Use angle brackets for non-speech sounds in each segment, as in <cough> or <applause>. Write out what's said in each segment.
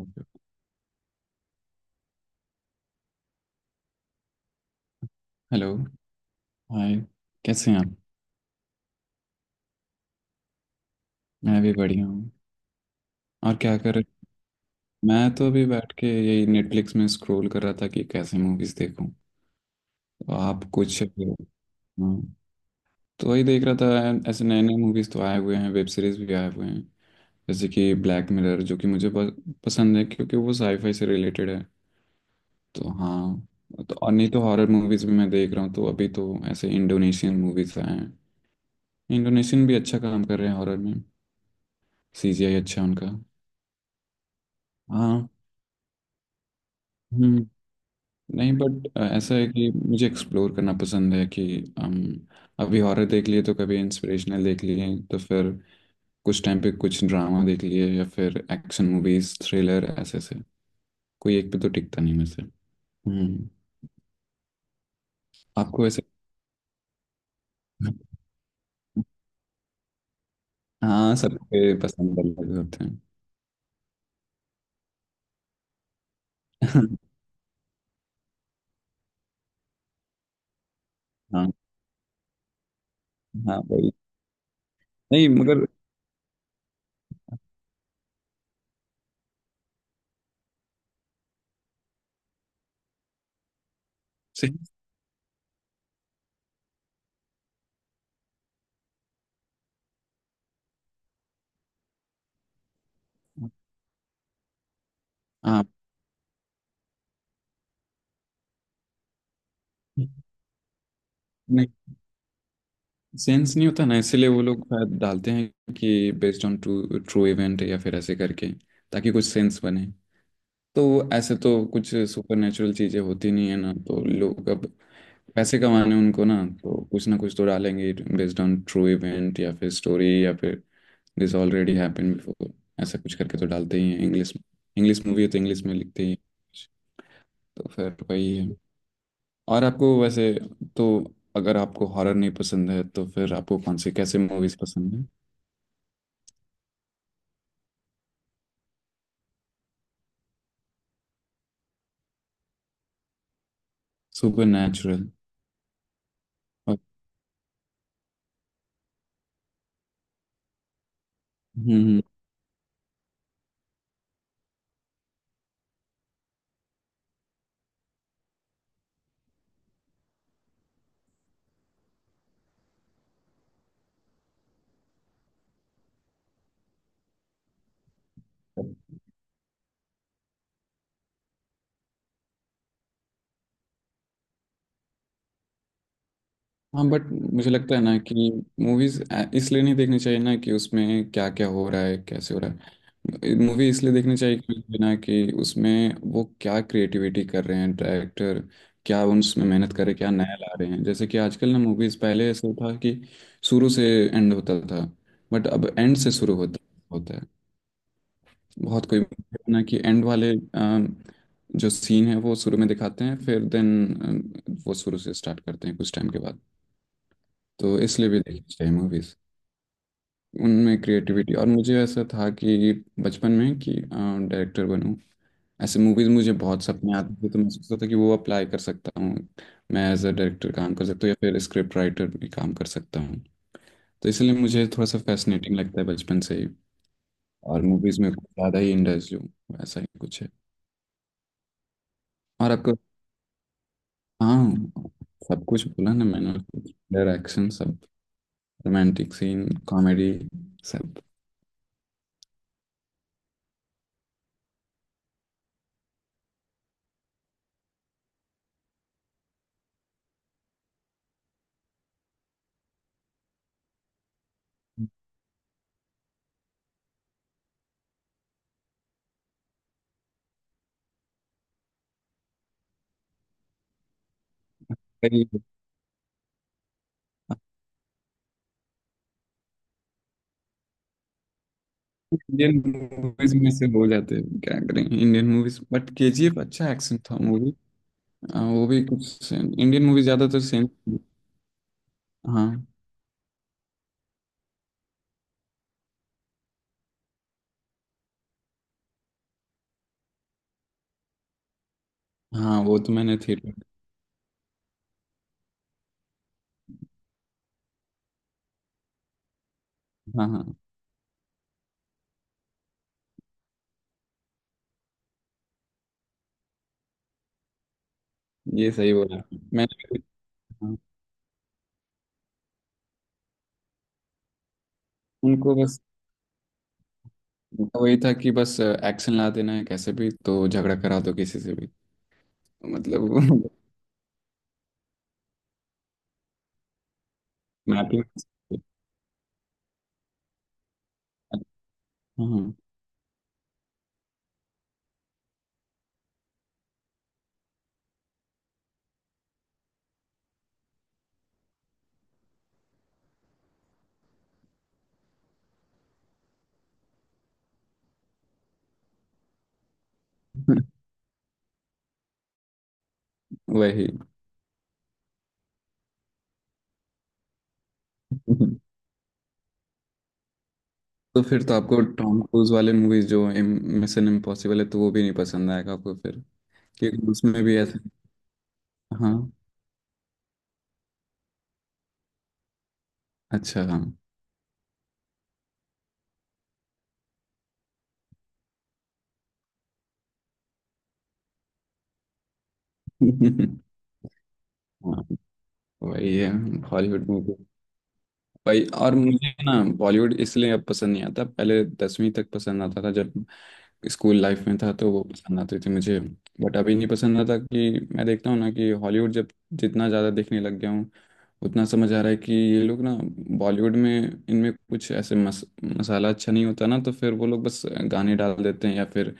Hello. Hi. कैसे हैं आप? मैं भी बढ़िया हूँ। और क्या कर रहे। मैं तो अभी बैठ के यही नेटफ्लिक्स में स्क्रॉल कर रहा था कि कैसे मूवीज देखूं। तो आप कुछ। हाँ। तो वही देख रहा था, ऐसे नए नए मूवीज तो आए हुए हैं, वेब सीरीज भी आए हुए हैं। जैसे कि ब्लैक मिरर, जो कि मुझे बहुत पसंद है क्योंकि वो साईफाई से रिलेटेड है। तो हाँ, तो और नहीं तो हॉरर मूवीज भी मैं देख रहा हूँ, तो अभी तो ऐसे इंडोनेशियन मूवीज आए हैं। इंडोनेशियन भी अच्छा काम कर रहे हैं हॉरर में। सीजीआई अच्छा है उनका। हाँ। हम्म। नहीं, बट ऐसा है कि मुझे एक्सप्लोर करना पसंद है कि हम अभी हॉरर देख लिए, तो कभी इंस्पिरेशनल देख लिए, तो फिर कुछ टाइम पे कुछ ड्रामा देख लिए, या फिर एक्शन मूवीज, थ्रिलर, ऐसे ऐसे। कोई एक पे तो टिकता नहीं मुझसे। हम्म। आपको ऐसे। <laughs> हाँ, सबके पसंद अलग होते हैं। <laughs> हाँ। हाँ वही। नहीं मगर। सही। हाँ। सेंस नहीं होता ना, इसीलिए वो लोग शायद डालते हैं कि based on true true event या फिर ऐसे करके, ताकि कुछ सेंस बने। तो ऐसे तो कुछ सुपर नेचुरल चीज़ें होती नहीं है ना, तो लोग अब पैसे कमाने उनको ना, तो कुछ ना कुछ तो डालेंगे बेस्ड ऑन ट्रू इवेंट या फिर स्टोरी या फिर दिस ऑलरेडी हैपेंड बिफोर, ऐसा कुछ करके तो डालते ही हैं इंग्लिश में। इंग्लिश मूवी है तो इंग्लिश में लिखते ही हैं। तो फिर वही है। और आपको वैसे, तो अगर आपको हॉरर नहीं पसंद है तो फिर आपको कौन सी कैसे मूवीज पसंद है? Supernatural. हम्म। हम्म। हाँ बट मुझे लगता है ना कि मूवीज इसलिए नहीं देखनी चाहिए ना कि उसमें क्या क्या हो रहा है, कैसे हो रहा है। मूवी इसलिए देखनी चाहिए कि ना कि उसमें वो क्या क्रिएटिविटी कर रहे हैं डायरेक्टर, क्या उसमें मेहनत करे, क्या नया ला रहे हैं। जैसे कि आजकल ना मूवीज, पहले ऐसा था कि शुरू से एंड होता था, बट अब एंड से शुरू होता होता है। बहुत कोई, ना कि एंड वाले जो सीन है वो शुरू में दिखाते हैं, फिर देन वो शुरू से स्टार्ट करते हैं कुछ टाइम के बाद। तो इसलिए भी देखनी चाहिए मूवीज, उनमें क्रिएटिविटी। और मुझे ऐसा था कि बचपन में कि डायरेक्टर बनूं, ऐसे मूवीज मुझे बहुत सपने आते थे, तो मैं सोचता था कि वो अप्लाई कर सकता हूँ, मैं एज अ डायरेक्टर काम कर सकता हूँ या फिर स्क्रिप्ट राइटर भी काम कर सकता हूँ। तो इसलिए मुझे थोड़ा सा फैसिनेटिंग लगता है बचपन से ही। और मूवीज में कुछ ज़्यादा ही इंटरेस्ट जो, ऐसा ही कुछ है। और आपको। हाँ। सब कुछ बोला ना मैंने। डायरेक्शन सब, रोमांटिक सीन, कॉमेडी, सब। सही है। इंडियन मूवीज में से हो जाते हैं, क्या करें इंडियन मूवीज, बट केजीएफ अच्छा एक्शन था मूवी। वो भी कुछ इंडियन मूवी ज्यादातर सेम। हाँ। हाँ वो तो मैंने थिएटर। हाँ हाँ, ये सही बोला मैंने। हाँ। उनको बस वही था कि बस एक्शन ला देना है, कैसे भी तो झगड़ा करा दो किसी से भी। तो मतलब <laughs> मैपिंग। हाँ हाँ। वही। <laughs> तो फिर तो आपको टॉम क्रूज वाले मूवीज जो मिशन इम्पॉसिबल है, तो वो भी नहीं पसंद आएगा आपको फिर, क्योंकि उसमें भी ऐसा। हाँ, अच्छा हाँ। <laughs> हाँ, वही है हॉलीवुड मूवी। भाई और मुझे ना, बॉलीवुड इसलिए अब पसंद नहीं आता, पहले दसवीं तक पसंद आता था जब स्कूल लाइफ में था तो वो पसंद आती थी मुझे, बट अभी नहीं पसंद आता। कि मैं देखता हूँ ना कि हॉलीवुड जब जितना ज़्यादा देखने लग गया हूँ, उतना समझ आ रहा है कि ये लोग ना, बॉलीवुड में इनमें कुछ ऐसे मसाला अच्छा नहीं होता ना, तो फिर वो लोग बस गाने डाल देते हैं या फिर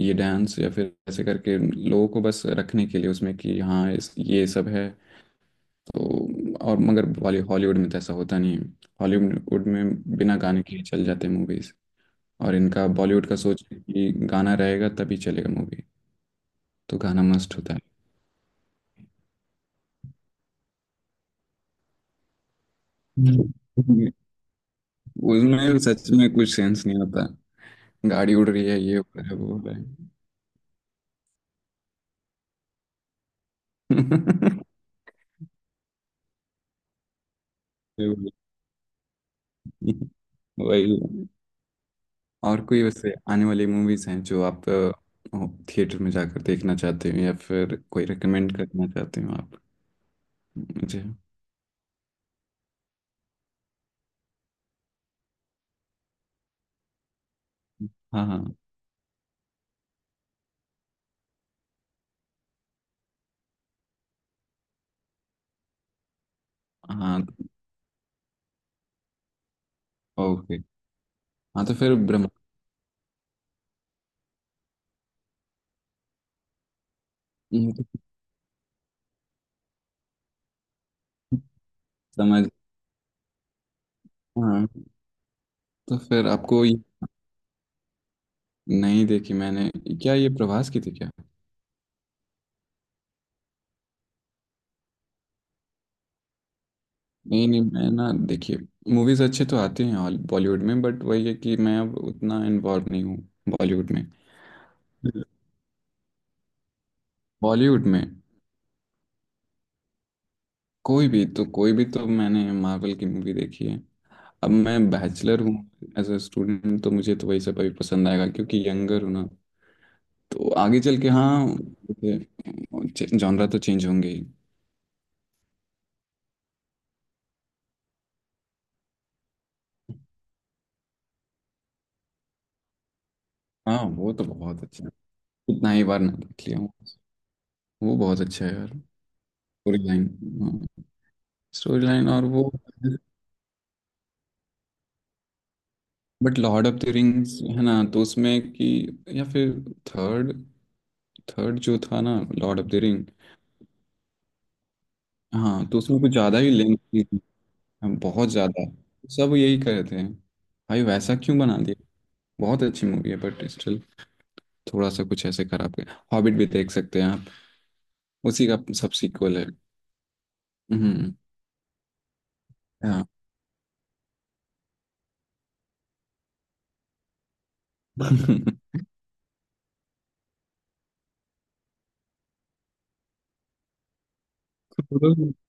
ये डांस या फिर ऐसे करके लोगों को बस रखने के लिए उसमें कि हाँ इस ये सब है। तो और मगर बॉली हॉलीवुड में तो ऐसा होता नहीं है। हॉलीवुड में बिना गाने के ही चल जाते हैं मूवीज। और इनका बॉलीवुड का सोच है कि गाना रहेगा तभी चलेगा मूवी। तो गाना मस्ट होता है। हम्म। उसमें सच में कुछ सेंस नहीं होता, गाड़ी उड़ रही है, ये हो रहा है, वो हो रहा है। <laughs> ये हो रहा है। वही है। और कोई वैसे आने वाली मूवीज हैं जो आप थिएटर में जाकर देखना चाहते हो या फिर कोई रिकमेंड करना चाहते हो आप मुझे? हाँ हाँ हाँ। ओके। हाँ तो फिर ब्रह्मा। तो समझ। हाँ, तो फिर आपको ये। नहीं देखी मैंने। क्या ये प्रभास की थी क्या? नहीं नहीं, मैं ना देखिए, मूवीज अच्छे तो आते हैं बॉलीवुड में, बट वही है कि मैं अब उतना इन्वॉल्व नहीं हूँ बॉलीवुड में। बॉलीवुड में कोई भी, तो कोई भी, तो मैंने मार्वल की मूवी देखी है। अब मैं बैचलर हूँ, एज अ स्टूडेंट, तो मुझे तो वही सब अभी पसंद आएगा क्योंकि यंगर हूँ ना, तो आगे चल के हाँ जॉनरा तो चेंज होंगे ही। हाँ वो तो बहुत अच्छा है। कितना ही बार नाम लिख लिया हूँ, वो बहुत अच्छा है यार। Story line. हाँ, स्टोरी लाइन और वो। But Lord of the Rings है ना, तो उसमें कि, या फिर थर्ड थर्ड जो था ना लॉर्ड ऑफ द रिंग, हाँ तो उसमें कुछ ज़्यादा ही लेंथ थी। हाँ, बहुत ज़्यादा। सब यही कह रहे थे, भाई वैसा क्यों बना दिया। बहुत अच्छी मूवी है बट स्टिल थोड़ा सा कुछ ऐसे खराब कर। हॉबिट भी देख सकते हैं आप, उसी का सब सीक्वल है। हम्म। हाँ।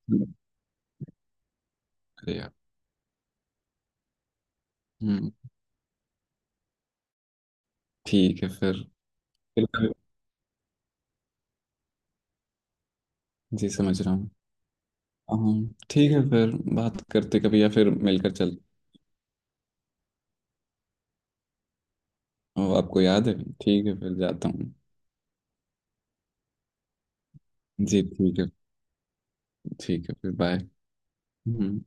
<laughs> अरे यार। हम्म। ठीक है फिर। फिर कभी- जी समझ रहा हूँ। ठीक है फिर, बात करते कभी या फिर मिलकर चल। ओ, आपको याद है। ठीक है फिर जाता हूँ। जी ठीक है। ठीक है फिर बाय। हम्म।